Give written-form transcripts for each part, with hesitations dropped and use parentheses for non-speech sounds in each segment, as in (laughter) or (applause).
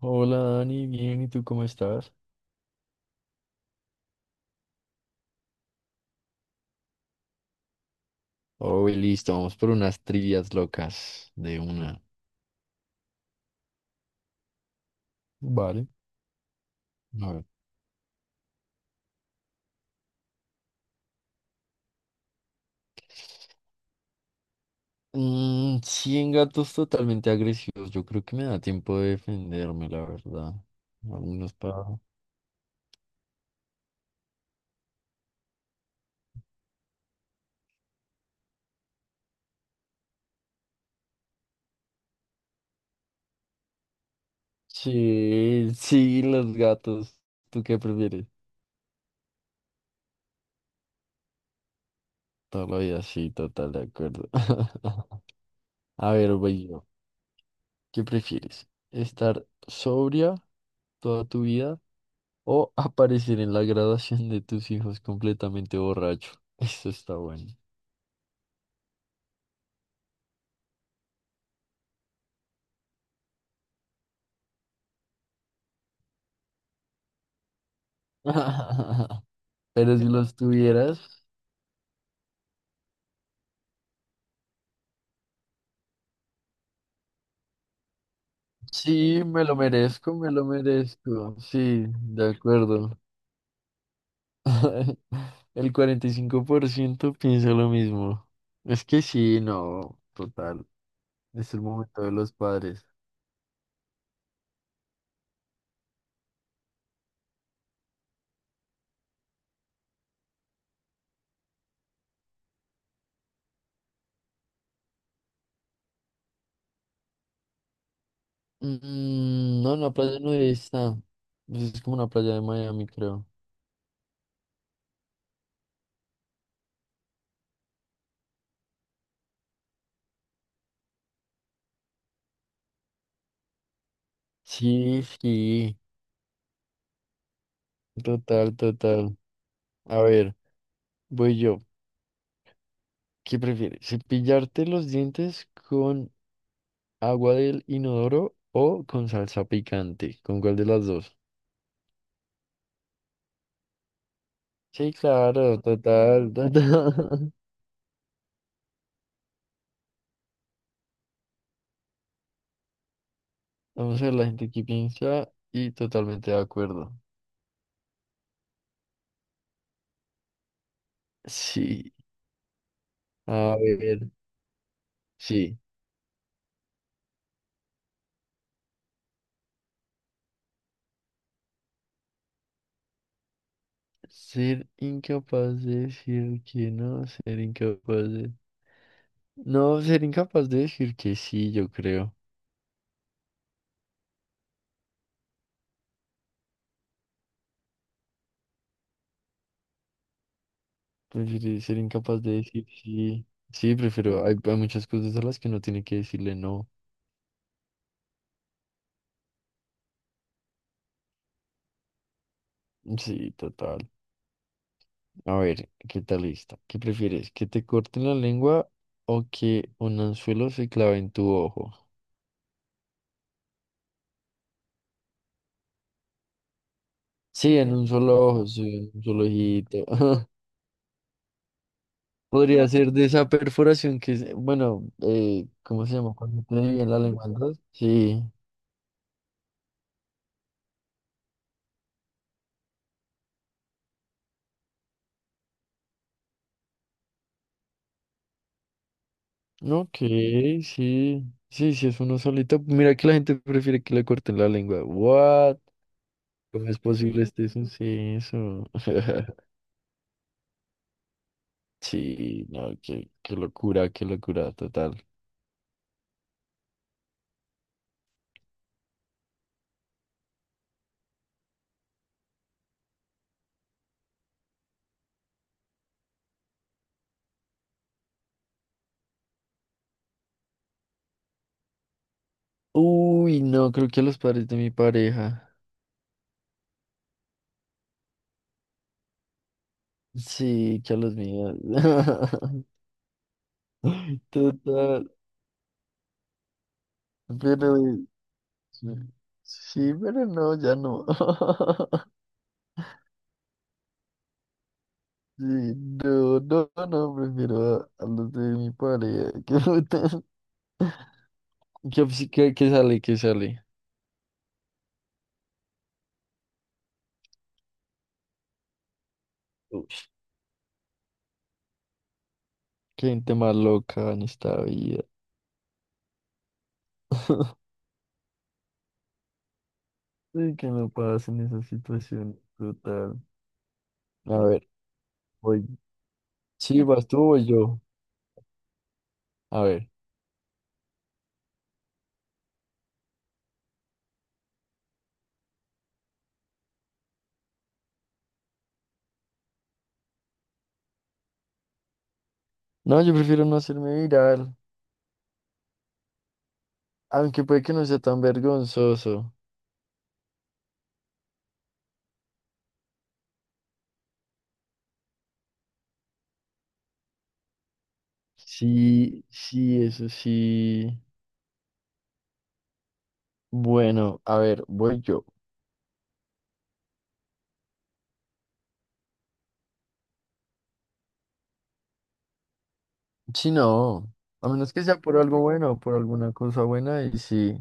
Hola Dani, bien, ¿y tú cómo estás? Oh, listo, vamos por unas trivias locas de una. Vale. A ver. 100 gatos totalmente agresivos. Yo creo que me da tiempo de defenderme, la verdad. Algunos para... Sí, sí, los gatos. ¿Tú qué prefieres? Toda la vida, sí, total, de acuerdo. (laughs) A ver, voy yo. ¿Qué prefieres? ¿Estar sobria toda tu vida o aparecer en la graduación de tus hijos completamente borracho? (laughs) Eso está bueno. (laughs) Pero si los tuvieras, sí, me lo merezco, me lo merezco. Sí, de acuerdo. (laughs) El 45% piensa lo mismo. Es que sí, no, total. Es el momento de los padres. No, en la playa nudista. Pues es como una playa de Miami, creo. Sí, sí, total, total. A ver. Voy yo. ¿Qué prefieres? ¿Cepillarte los dientes con agua del inodoro o con salsa picante? ¿Con cuál de las dos? Sí, claro, total, total. (laughs) Vamos a ver la gente que piensa y totalmente de acuerdo. Sí, a ver, sí. Ser incapaz de decir que no, ser incapaz de... No, ser incapaz de decir que sí, yo creo. Prefiero ser incapaz de decir sí. Sí, prefiero. Hay muchas cosas a las que no tiene que decirle no. Sí, total. A ver, ¿qué tal lista? ¿Qué prefieres? ¿Que te corten la lengua o que un anzuelo se clave en tu ojo? Sí, en un solo ojo, sí, en un solo ojito. (laughs) Podría ser de esa perforación que es, bueno, ¿cómo se llama? Cuando te dividen la lengua en dos. Sí. No, ok, sí. Sí, sí, es uno solito. Mira que la gente prefiere que le corten la lengua. What? ¿Cómo es posible este suceso? (laughs) Sí, no, qué, qué locura, total. Uy, no, creo que a los padres de mi pareja. Sí, que a los míos. (laughs) Total. Pero sí, pero no, ya no. (laughs) Sí, no, no, no, prefiero a los de mi pareja. (laughs) ¿Qué sale? ¿Qué sale? Uy, qué gente más loca en esta vida. (laughs) Sí, que me pasa en esa situación brutal. A ver, voy. Sí, vas tú, o voy yo. A ver. No, yo prefiero no hacerme viral. Aunque puede que no sea tan vergonzoso. Sí, sí, eso sí. Bueno, a ver, voy yo. Sí, no. A menos que sea por algo bueno, por alguna cosa buena, y sí.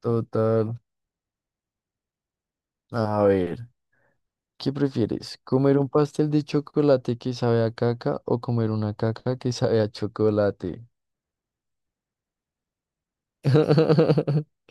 Total. A ver, ¿qué prefieres? ¿Comer un pastel de chocolate que sabe a caca o comer una caca que sabe a chocolate? (laughs)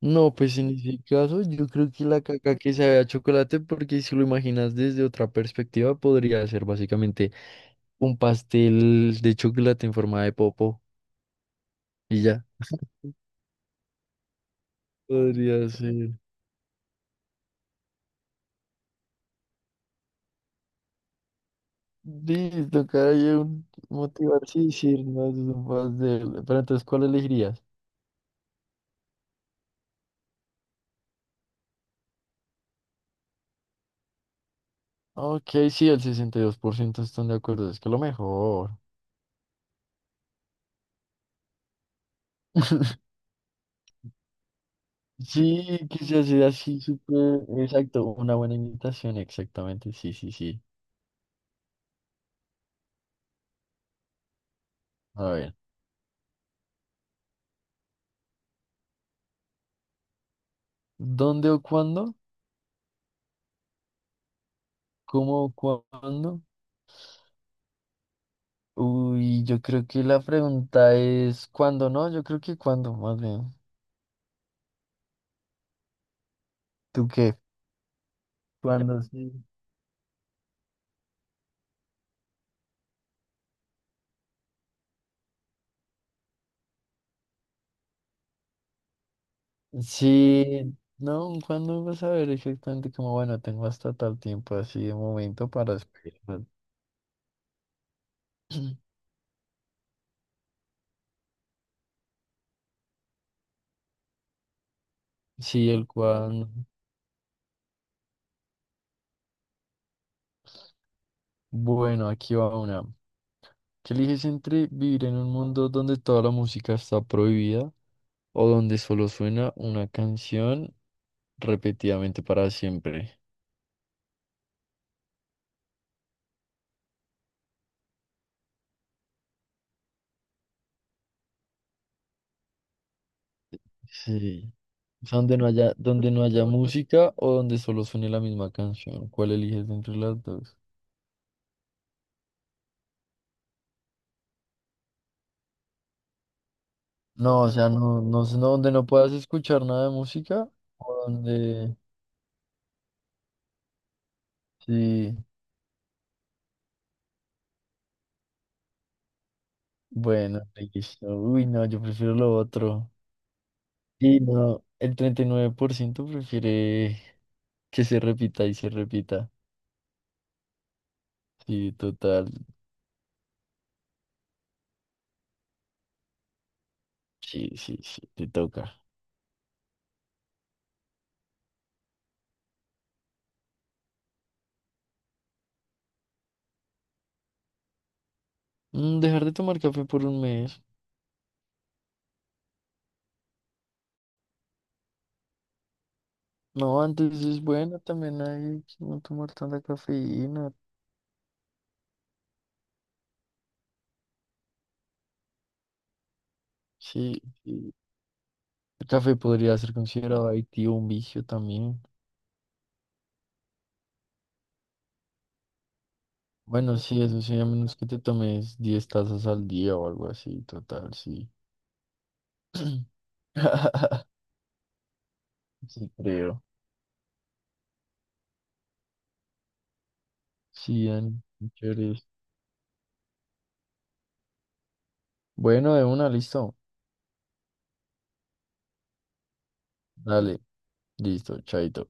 No, pues en ese caso yo creo que la caca que sabe a chocolate, porque si lo imaginas desde otra perspectiva, podría ser básicamente un pastel de chocolate en forma de popo y ya. Podría ser. Listo, cara, yo un- motivarse y decir más de un pastel. Pero entonces, ¿cuál elegirías? Ok, sí, el 62% están de acuerdo, es que lo mejor. Sí, que se hace así súper, exacto, una buena imitación, exactamente, sí, sí, sí. A ver. ¿Dónde o cuándo? ¿Cómo o cuándo? Uy, yo creo que la pregunta es ¿cuándo, no? Yo creo que cuándo, más bien. ¿Tú qué? ¿Cuándo? (laughs) Sí. Sí, no, ¿cuándo vas a ver exactamente como, bueno, tengo hasta tal tiempo así de momento para esperar? (clears throat) Sí, el cuándo. Bueno, aquí va una. ¿Qué eliges entre vivir en un mundo donde toda la música está prohibida o donde solo suena una canción repetidamente para siempre? Sí. O sea, donde no haya música o donde solo suene la misma canción. ¿Cuál eliges entre las dos? No, o sea, no, no, sé, no, donde no puedas escuchar nada de música o donde... Sí, bueno, listo. Uy, no, yo prefiero lo otro. Y no, el 39% prefiere que se repita y se repita. Sí, total. Sí, sí, sí, te toca. Dejar de tomar café por un mes. No, antes es bueno también hay que no tomar tanta cafeína. Sí, sí. El café podría ser considerado adictivo, un vicio también. Bueno, sí, eso sí, a menos que te tomes 10 tazas al día o algo así, total, sí. (clears throat) Sí, creo. Sí, Dani, muy chévere. Bueno, de una, listo. Dale, listo, chaito.